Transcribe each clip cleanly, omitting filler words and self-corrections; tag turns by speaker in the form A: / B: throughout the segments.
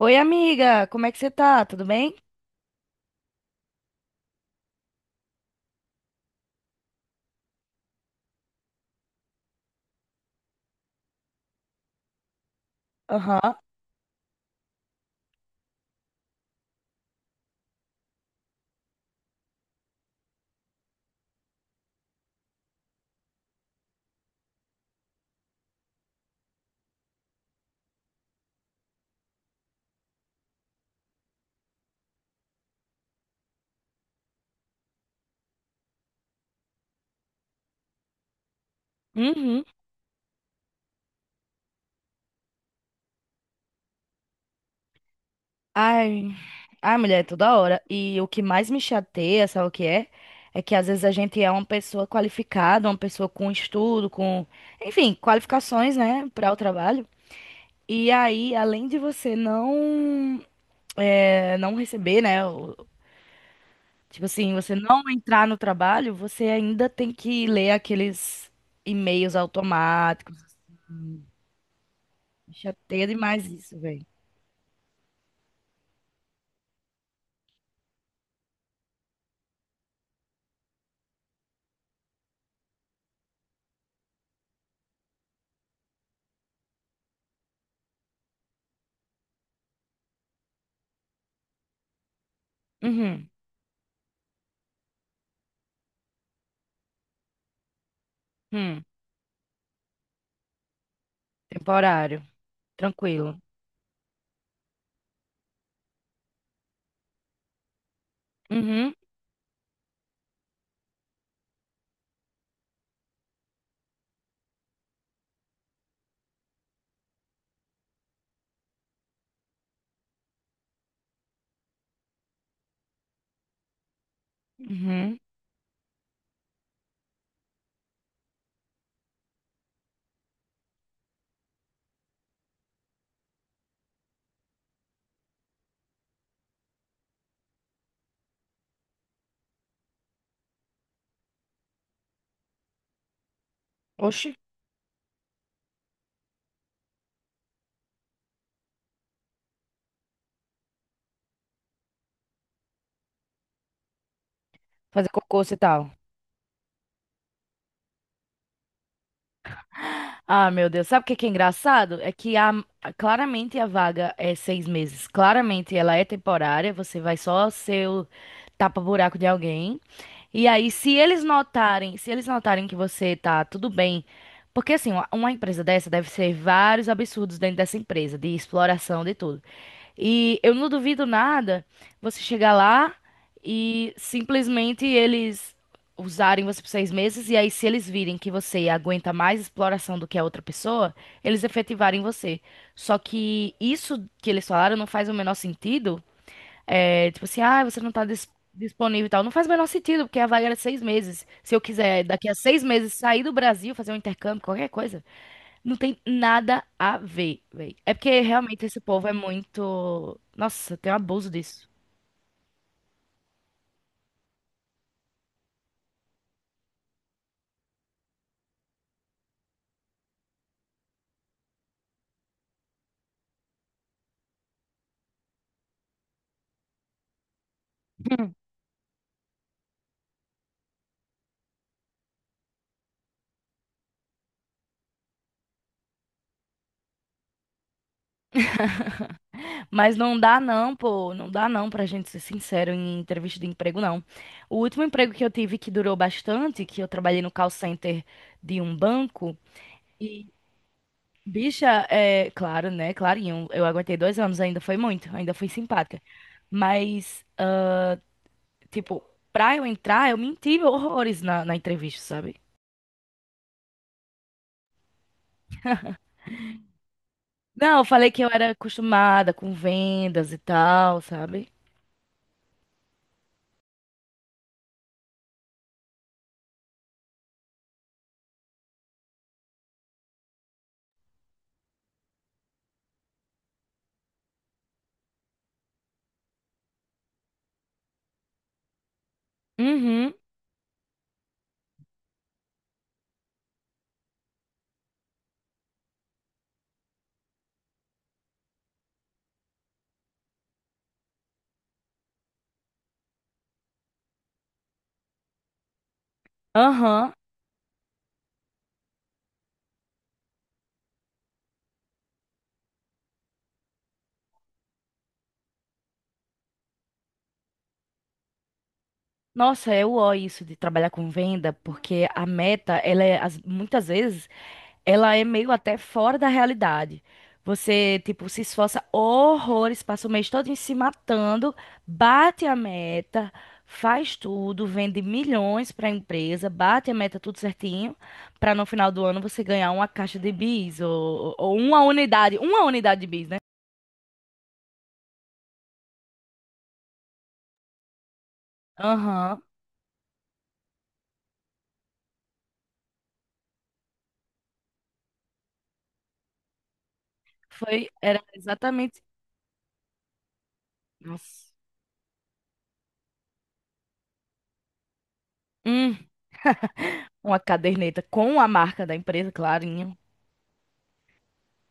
A: Oi, amiga, como é que você tá? Tudo bem? Aham. Uhum. Ai, ai, mulher, é toda hora. E o que mais me chateia, sabe o que é? É que às vezes a gente é uma pessoa qualificada, uma pessoa com estudo, com, enfim, qualificações, né, para o trabalho. E aí, além de você não, é, não receber, né, tipo assim, você não entrar no trabalho, você ainda tem que ler aqueles e-mails automáticos. Me chateia demais isso, velho. Uhum. Hum. Temporário. Tranquilo. Uhum, uhum. Oxi, fazer cocô e tal. Ah, meu Deus. Sabe o que que é engraçado? É que a, claramente a vaga é 6 meses. Claramente ela é temporária. Você vai só ser o tapa-buraco de alguém. E aí, se eles notarem, se eles notarem que você tá tudo bem, porque assim, uma empresa dessa deve ser vários absurdos dentro dessa empresa, de exploração, de tudo. E eu não duvido nada você chegar lá e simplesmente eles usarem você por 6 meses, e aí, se eles virem que você aguenta mais exploração do que a outra pessoa, eles efetivarem você. Só que isso que eles falaram não faz o menor sentido. É, tipo assim, ah, você não tá dis- disponível e tal. Não faz o menor sentido, porque a vaga era de 6 meses. Se eu quiser, daqui a 6 meses, sair do Brasil, fazer um intercâmbio, qualquer coisa. Não tem nada a ver, velho. É porque realmente esse povo é muito. Nossa, tem um abuso disso. Hum. Mas não dá não, pô, não dá não pra gente ser sincero em entrevista de emprego, não. O último emprego que eu tive que durou bastante, que eu trabalhei no call center de um banco, e, bicha, é, claro, né, clarinho, eu aguentei 2 anos, ainda foi muito, ainda fui simpática. Mas, ah, tipo, pra eu entrar, eu menti horrores na entrevista, sabe? Não, eu falei que eu era acostumada com vendas e tal, sabe? Uhum, aham. Nossa, eu ó isso de trabalhar com venda, porque a meta, ela é, muitas vezes, ela é meio até fora da realidade. Você, tipo, se esforça horrores, passa o mês todo se matando, bate a meta, faz tudo, vende milhões para a empresa, bate a meta tudo certinho, para no final do ano você ganhar uma caixa de bis ou uma unidade de bis, né? Aham. Foi, era exatamente. Nossa. Hum, uma caderneta com a marca da empresa, clarinho.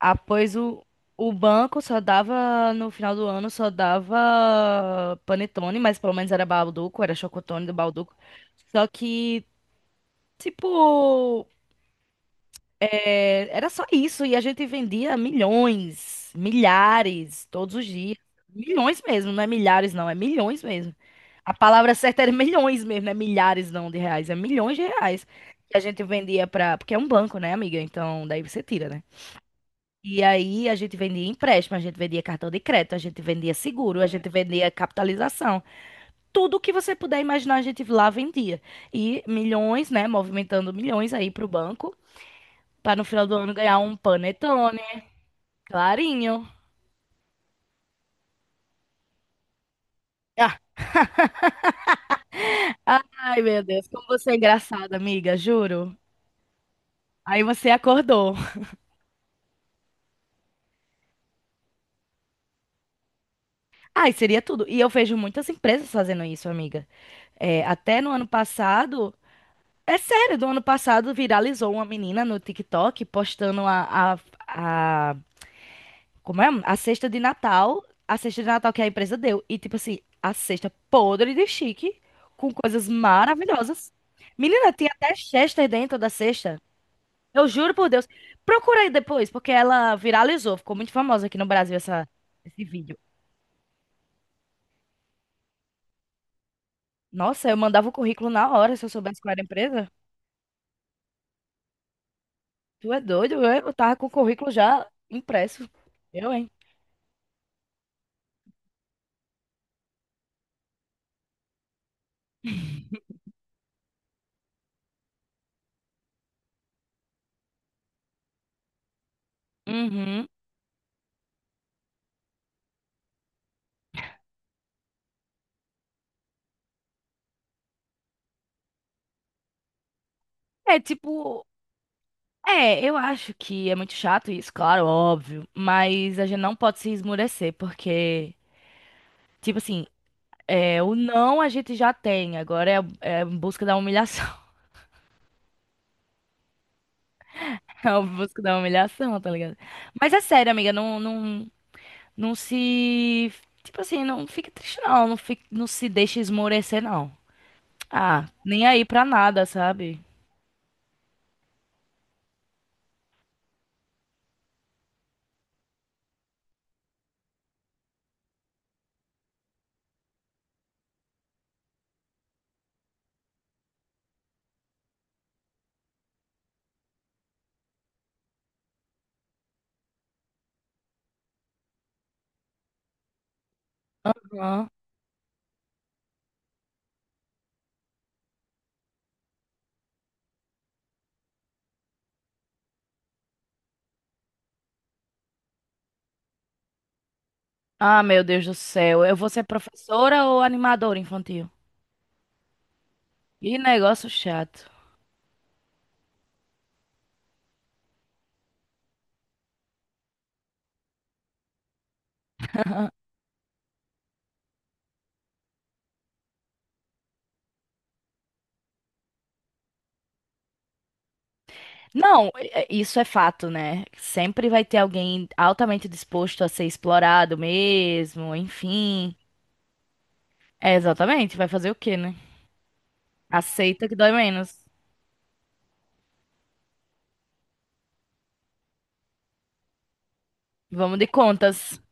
A: Após o banco só dava, no final do ano, só dava panetone, mas pelo menos era Balduco, era Chocotone do Balduco. Só que, tipo, é, era só isso, e a gente vendia milhões, milhares, todos os dias. Milhões mesmo, não é milhares, não, é milhões mesmo. A palavra certa era milhões mesmo, não é milhares não de reais, é milhões de reais. Que a gente vendia pra. Porque é um banco, né, amiga? Então daí você tira, né? E aí a gente vendia empréstimo, a gente vendia cartão de crédito, a gente vendia seguro, a gente vendia capitalização. Tudo que você puder imaginar, a gente lá vendia. E milhões, né? Movimentando milhões aí pro banco. Pra no final do ano ganhar um panetone, clarinho. Ah, ai, meu Deus, como você é engraçada, amiga, juro. Aí você acordou. Ai, seria tudo. E eu vejo muitas empresas fazendo isso, amiga. É, até no ano passado. É sério, do ano passado viralizou uma menina no TikTok postando a, como é? A cesta de Natal. A cesta de Natal que a empresa deu. E, tipo assim, a cesta podre de chique, com coisas maravilhosas. Menina, tinha até Chester dentro da cesta. Eu juro por Deus. Procura aí depois, porque ela viralizou, ficou muito famosa aqui no Brasil essa, esse vídeo. Nossa, eu mandava o currículo na hora se eu soubesse qual era a empresa. Tu é doido? Eu tava com o currículo já impresso. Eu, hein? Uhum. É tipo. É, eu acho que é muito chato isso, claro, óbvio. Mas a gente não pode se esmurecer, porque, tipo assim, é, o não a gente já tem. Agora é, é em busca da humilhação. É em busca da humilhação, tá ligado? Mas é sério, amiga, não, não. Não se. Tipo assim, não fique triste, não. Não, fique, não se deixe esmorecer, não. Ah, nem aí pra nada, sabe? Aham. Ah, meu Deus do céu. Eu vou ser professora ou animadora infantil? Que negócio chato. Não, isso é fato, né? Sempre vai ter alguém altamente disposto a ser explorado mesmo, enfim. É, exatamente. Vai fazer o quê, né? Aceita que dói menos. Vamos de contas.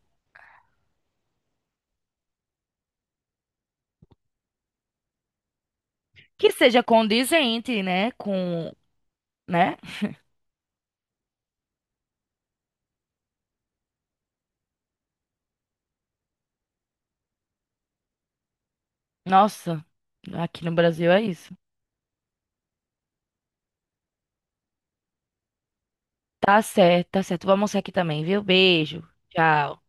A: Que seja condizente, né? Com. Né? Nossa, aqui no Brasil é isso. Tá certo, tá certo. Vou almoçar aqui também, viu? Beijo. Tchau.